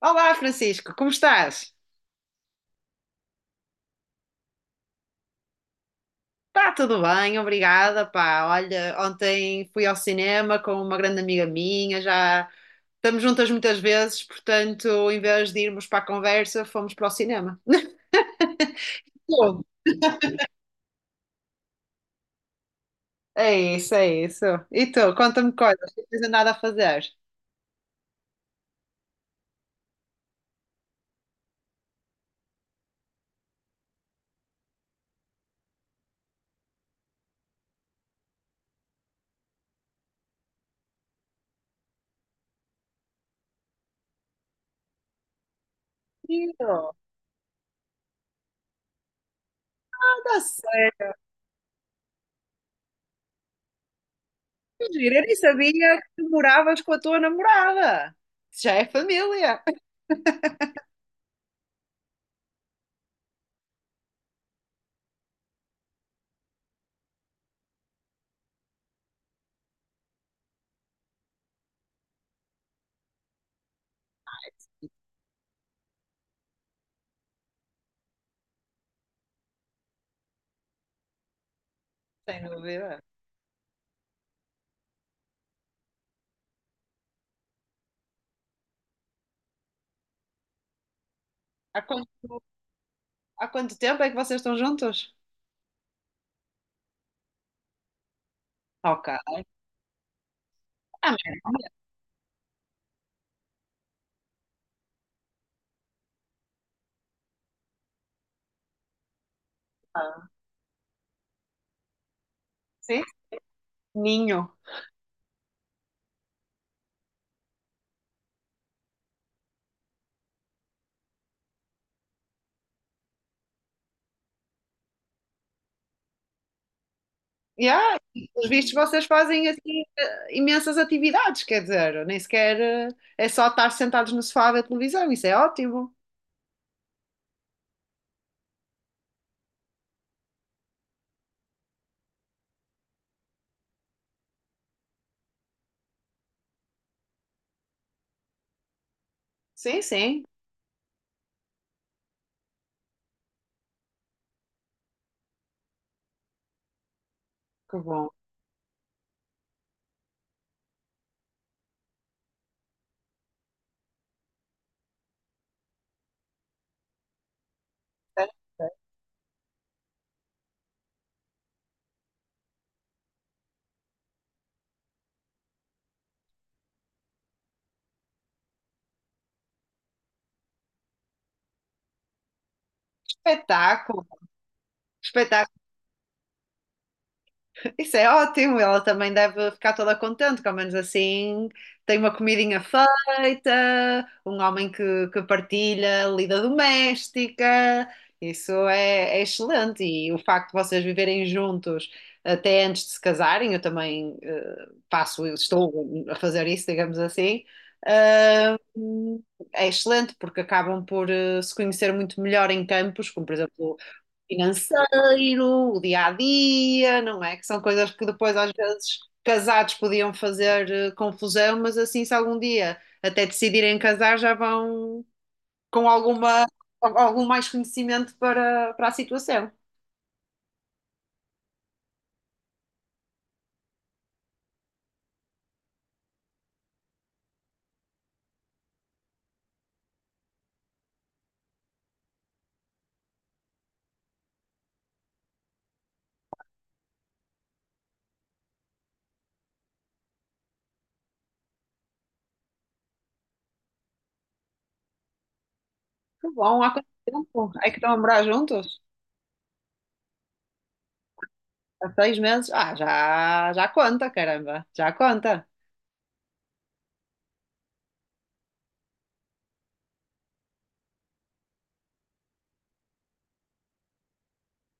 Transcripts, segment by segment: Olá, Francisco, como estás? Está tudo bem, obrigada, pá. Olha, ontem fui ao cinema com uma grande amiga minha, já estamos juntas muitas vezes, portanto, em vez de irmos para a conversa, fomos para o cinema. Tu? É isso, é isso. E tu, conta-me coisas, não tens nada a fazer. E eu, anda sério. Que giro, eu nem sabia que tu moravas com a tua namorada. Isso já é família. Sem dúvida. Há quanto, há quanto tempo é que vocês estão juntos? Ok. Ah, merda. Sim, ninho. Yeah. Pelos vistos, vocês fazem assim imensas atividades, quer dizer, nem sequer é só estar sentados no sofá a ver televisão, isso é ótimo. Sim, sim, que bom. É. Espetáculo, espetáculo. Isso é ótimo, ela também deve ficar toda contente, que ao menos assim tem uma comidinha feita, um homem que partilha a lida doméstica, isso é excelente. E o facto de vocês viverem juntos até antes de se casarem, eu também passo, eu estou a fazer isso, digamos assim, ah, é excelente porque acabam por se conhecer muito melhor em campos, como por exemplo financeiro, o dia a dia, não é? Que são coisas que depois, às vezes, casados podiam fazer confusão, mas assim, se algum dia até decidirem casar, já vão com alguma, algum mais conhecimento para a situação. Que bom, há quanto tempo é que estão a morar juntos? Há 6 meses? Ah, já, já conta, caramba, já conta.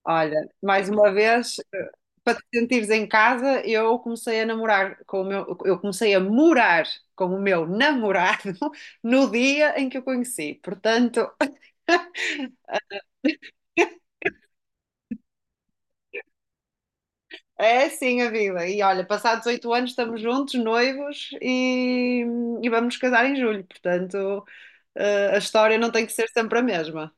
Olha, mais uma vez, para te sentires em casa, eu comecei a namorar com o meu, eu comecei a morar com o meu namorado no dia em que o conheci. Portanto, é assim a vida. E olha, passados 8 anos estamos juntos, noivos, e vamos casar em julho. Portanto, a história não tem que ser sempre a mesma.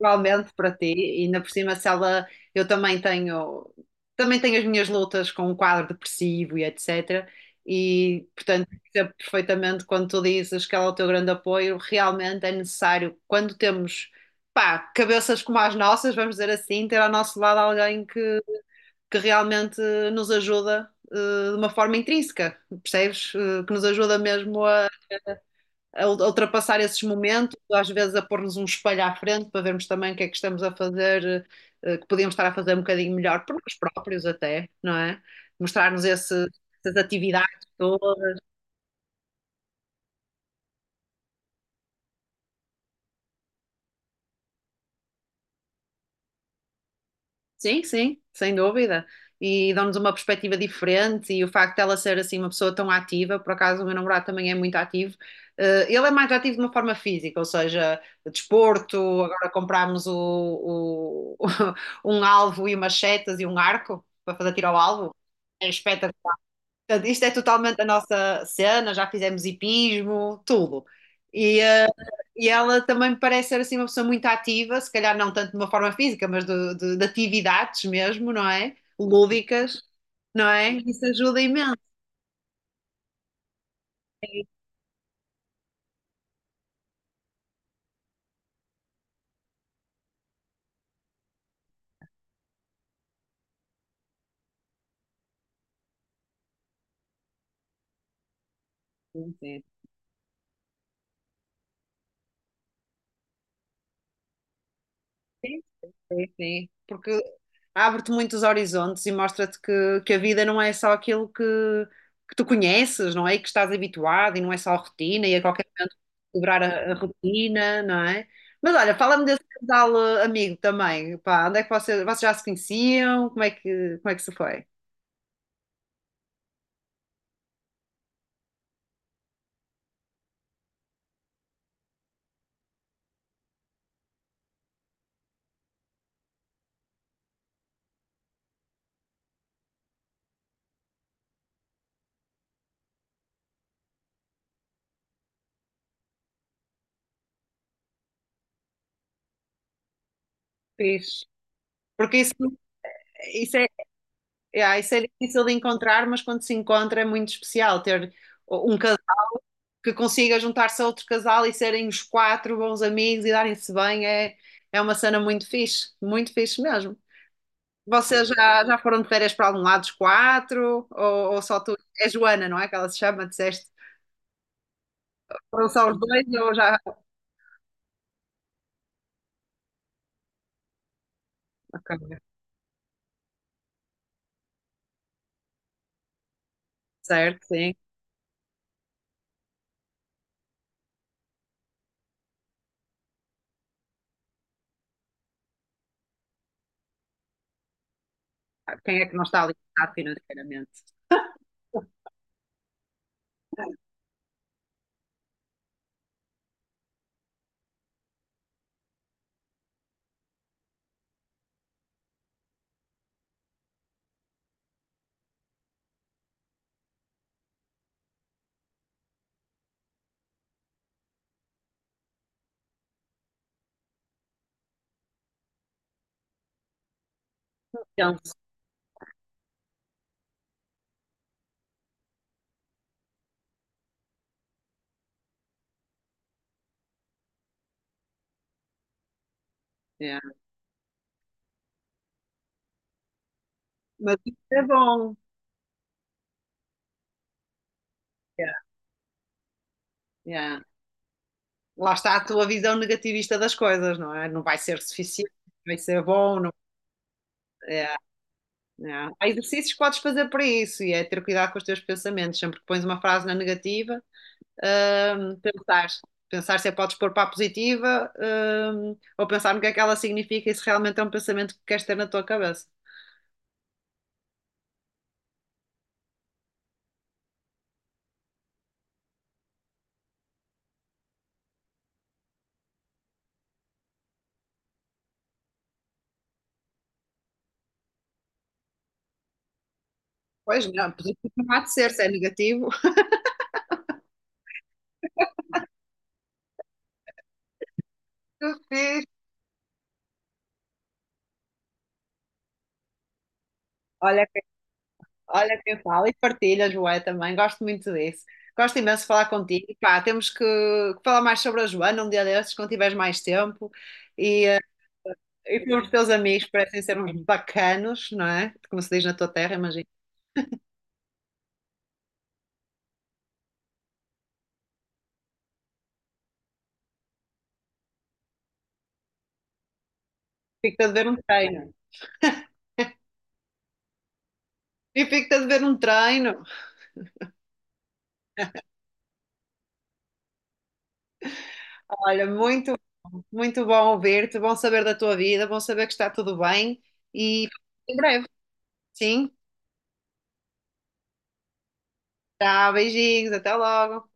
Igualmente para ti, e ainda por cima, se ela, eu também tenho as minhas lutas com o quadro depressivo e etc. E, portanto, percebo perfeitamente quando tu dizes que ela é o teu grande apoio, realmente é necessário, quando temos, pá, cabeças como as nossas, vamos dizer assim, ter ao nosso lado alguém que realmente nos ajuda, de uma forma intrínseca, percebes? Que nos ajuda mesmo a ultrapassar esses momentos, às vezes a pôr-nos um espelho à frente para vermos também o que é que estamos a fazer, que podíamos estar a fazer um bocadinho melhor por nós próprios até, não é? Mostrar-nos essas atividades todas. Sim, sim, sem dúvida. E dão-nos uma perspectiva diferente e o facto dela ser assim uma pessoa tão ativa, por acaso o meu namorado também é muito ativo. Ele é mais ativo de uma forma física, ou seja, desporto, agora comprámos um alvo e umas setas e um arco para fazer tiro ao alvo. É espetacular. Portanto, isto é totalmente a nossa cena, já fizemos hipismo, tudo. E, eh, e ela também me parece ser assim uma pessoa muito ativa, se calhar não tanto de uma forma física, mas de atividades mesmo, não é? Lúdicas, não é? Isso ajuda imenso. Sim, sim, sim, sim. Porque abre-te muitos horizontes e mostra-te que a vida não é só aquilo que tu conheces, não é? E que estás habituado e não é só a rotina e a qualquer momento quebrar a rotina, não é? Mas olha, fala-me desse casal amigo também, pá, onde é que vocês já se conheciam? Como é que se foi? Fixe. Porque isso é, isso é difícil de encontrar, mas quando se encontra é muito especial ter um casal que consiga juntar-se a outro casal e serem os quatro bons amigos e darem-se bem é uma cena muito fixe mesmo. Vocês já foram de férias para algum lado os quatro? Ou só tu? É Joana, não é? Que ela se chama, disseste. Foram só os dois ou já. Ok, certo, sim. Quem é que não está alimentado financeiramente? Então, yeah. Mas isso é bom. Yeah, yeah. Lá está a tua visão negativista das coisas, não é? Não vai ser suficiente, vai ser bom, não. Yeah. Não. Há exercícios que podes fazer para isso e é ter cuidado com os teus pensamentos. Sempre que pões uma frase na negativa, hum, pensar, pensar se a podes pôr para a positiva, ou pensar no que é que ela significa e se realmente é um pensamento que queres ter na tua cabeça. Pois não, positivo não há de ser, se é negativo. Eu fiz. Olha, quem- olha quem fala e partilha, Joé, também. Gosto muito disso. Gosto imenso de falar contigo. Pá, temos que falar mais sobre a Joana um dia desses, quando tiveres mais tempo. E, E pelos teus amigos parecem ser uns bacanos, não é? Como se diz na tua terra, imagina. Fico-te a dever um treino. E fico-te a dever um treino. Olha, muito, muito bom ouvir-te, bom saber da tua vida, bom saber que está tudo bem e em breve. Sim, tá, beijinhos, até logo.